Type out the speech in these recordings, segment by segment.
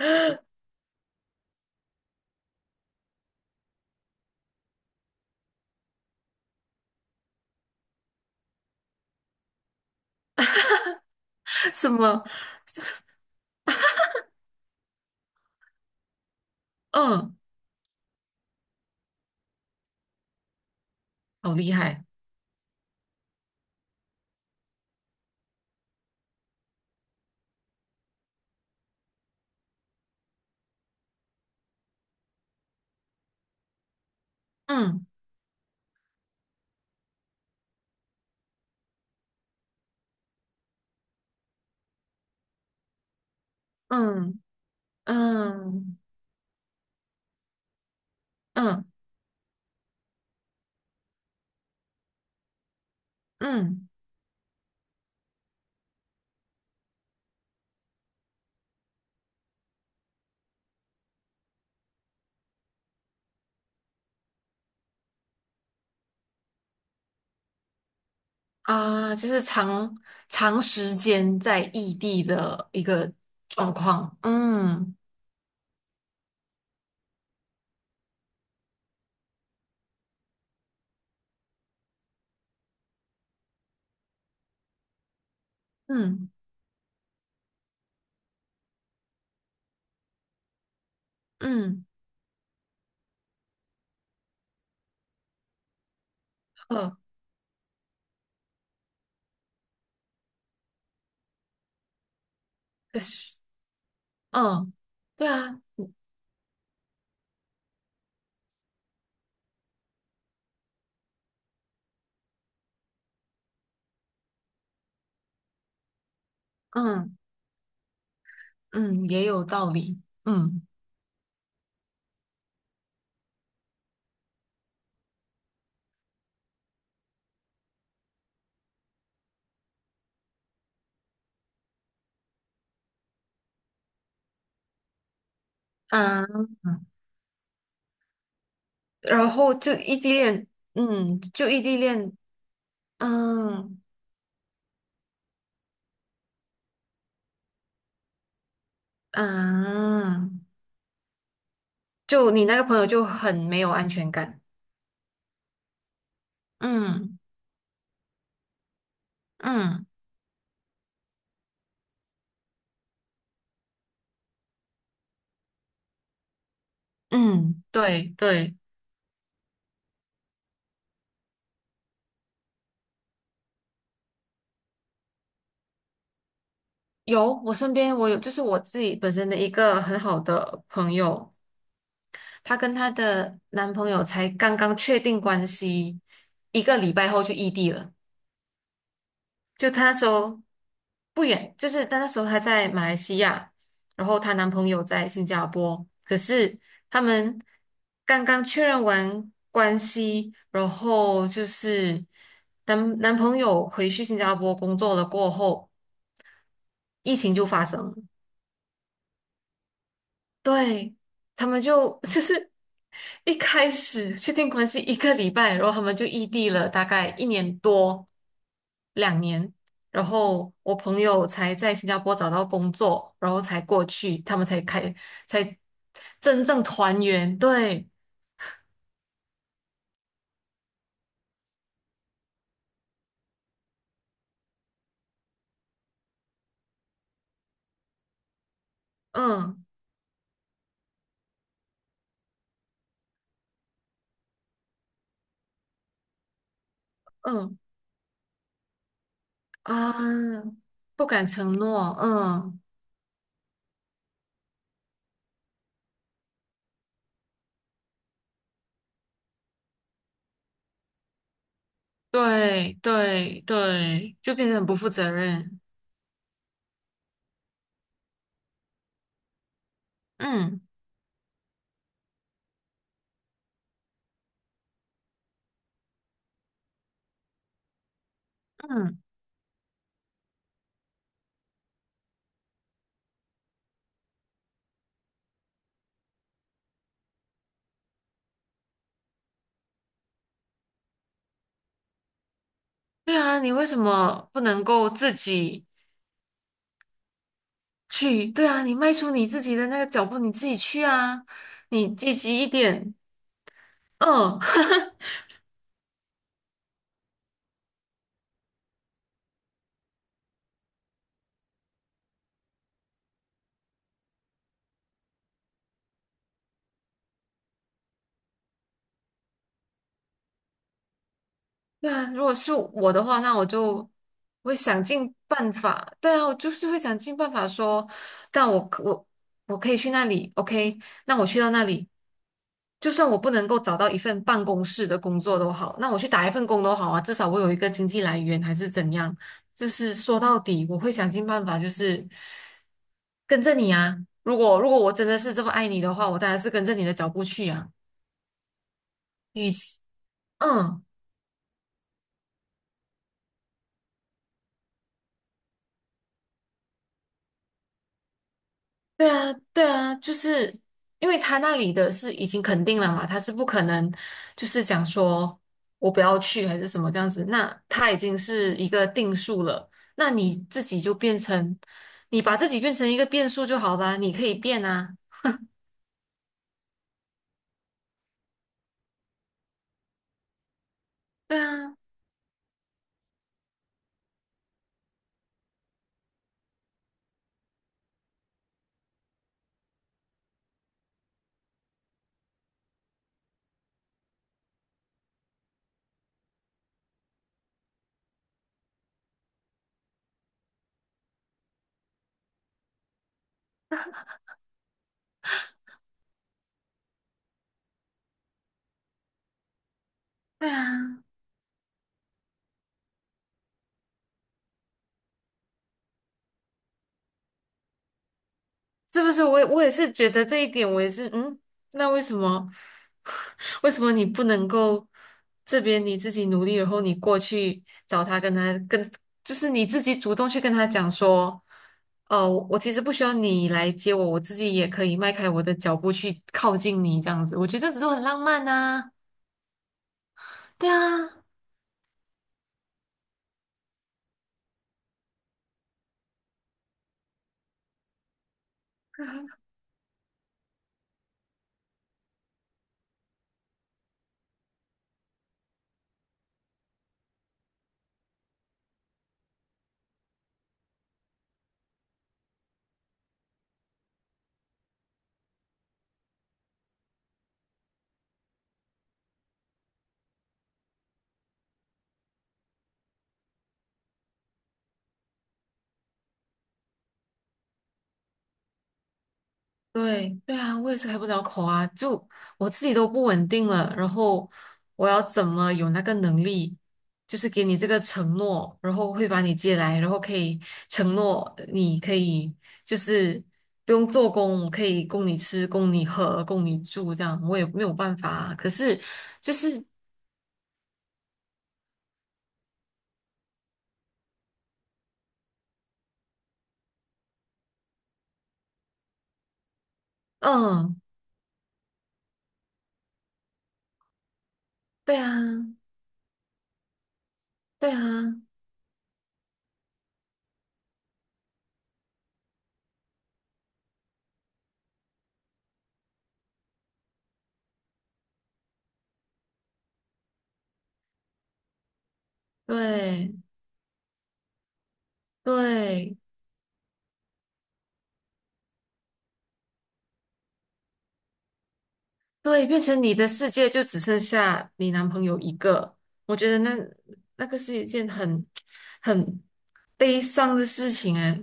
什么？嗯，好厉害。嗯嗯嗯嗯嗯啊，就是长时间在异地的一个状况。嗯嗯嗯，呃，可是嗯，对啊，嗯嗯，也有道理。嗯，嗯，然后就异地恋，嗯，就异地恋，嗯嗯。就你那个朋友就很没有安全感。嗯嗯嗯，对对，有，我身边有，就是我自己本身的一个很好的朋友，她跟她的男朋友才刚刚确定关系，一个礼拜后就异地了。就她那时候不远，就是她那时候她在马来西亚，然后她男朋友在新加坡，可是他们刚刚确认完关系，然后就是男朋友回去新加坡工作了过后，疫情就发生了。对，他们就 就是一开始确定关系一个礼拜，然后他们就异地了大概一年多、两年，然后我朋友才在新加坡找到工作，然后才过去，他们才开才真正团圆。对，嗯。嗯啊，不敢承诺，嗯，对对对，就变得很不负责任，嗯嗯。对啊，你为什么不能够自己？去，对啊，你迈出你自己的那个脚步，你自己去啊，你积极一点，嗯。对啊，如果是我的话，那我就会想尽办法。对啊，我就是会想尽办法说，但我可以去那里，OK？那我去到那里，就算我不能够找到一份办公室的工作都好，那我去打一份工都好啊，至少我有一个经济来源，还是怎样？就是说到底，我会想尽办法，就是跟着你啊。如果我真的是这么爱你的话，我当然是跟着你的脚步去啊。与其，嗯。对啊，对啊，就是因为他那里的是已经肯定了嘛，他是不可能就是讲说我不要去还是什么这样子，那他已经是一个定数了，那你自己就变成，你把自己变成一个变数就好啦，你可以变啊，对啊，对啊。是不是？我也是觉得这一点，我也是，嗯，那为什么，为什么你不能够这边你自己努力，然后你过去找他，跟他跟，就是你自己主动去跟他讲说，哦，我其实不需要你来接我，我自己也可以迈开我的脚步去靠近你，这样子，我觉得这种很浪漫呐、对啊。对对啊，我也是开不了口啊，就我自己都不稳定了，然后我要怎么有那个能力，就是给你这个承诺，然后会把你接来，然后可以承诺你可以就是不用做工，我可以供你吃、供你喝、供你住，这样我也没有办法啊。可是就是嗯，对啊，对啊，对对。对，变成你的世界就只剩下你男朋友一个，我觉得那那个是一件很悲伤的事情哎，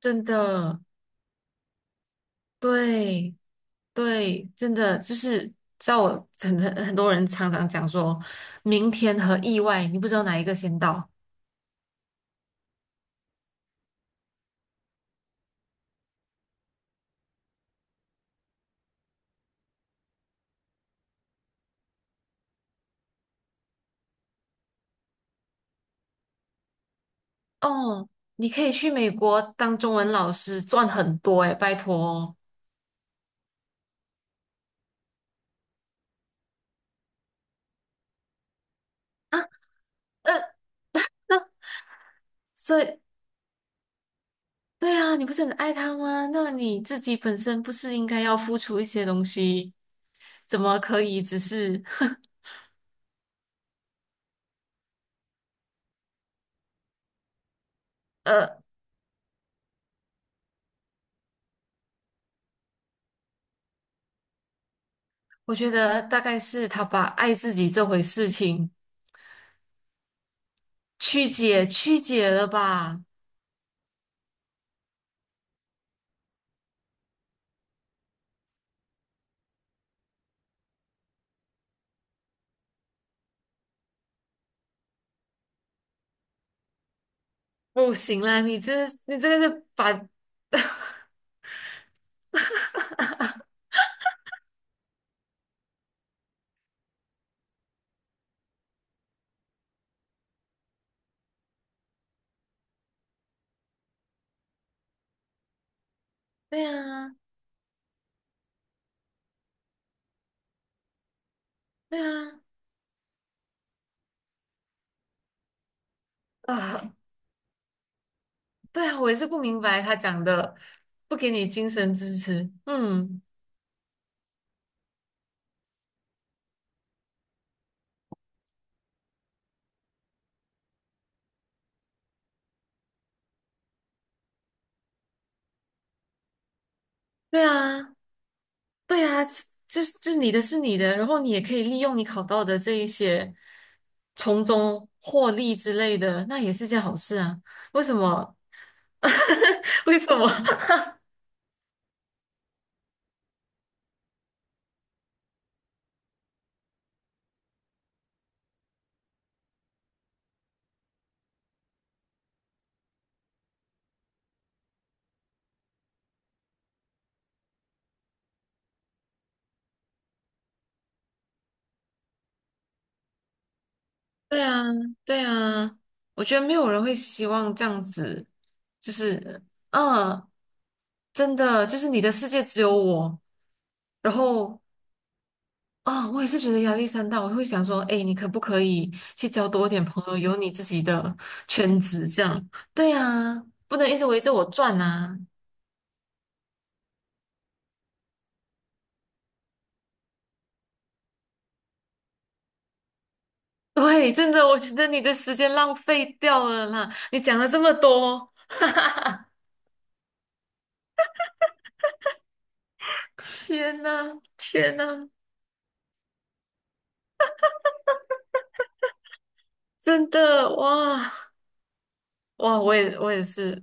真的，对对，真的就是在我很多人常常讲说，明天和意外，你不知道哪一个先到哦。你可以去美国当中文老师，赚很多哎，拜托哦。啊，呃，所以对啊，你不是很爱他吗？那你自己本身不是应该要付出一些东西？怎么可以只是 呃，我觉得大概是他把爱自己这回事情曲解了吧？不行啦，你这个是把对啊对啊呃对啊，我也是不明白他讲的，不给你精神支持，嗯，对啊。对啊，就是你的是你的，然后你也可以利用你考到的这一些，从中获利之类的，那也是件好事啊。为什么？为什么？对啊，对啊，我觉得没有人会希望这样子，就是，嗯，真的，就是你的世界只有我，然后啊、我也是觉得压力山大，我会想说，哎，你可不可以去交多一点朋友，有你自己的圈子这样？对啊，不能一直围着我转啊。对，真的，我觉得你的时间浪费掉了啦。你讲了这么多，天呐，天呐，真的，哇哇，我也是，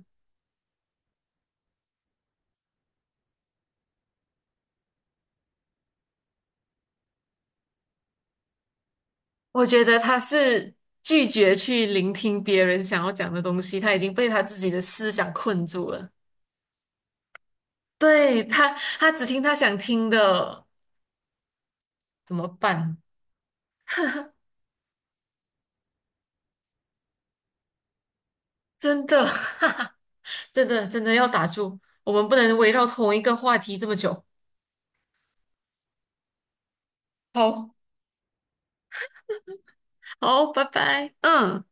我觉得他是拒绝去聆听别人想要讲的东西，他已经被他自己的思想困住了。对，他，他只听他想听的。怎么办？真的，哈哈真的，真的要打住，我们不能围绕同一个话题这么久。好，好，拜拜，嗯。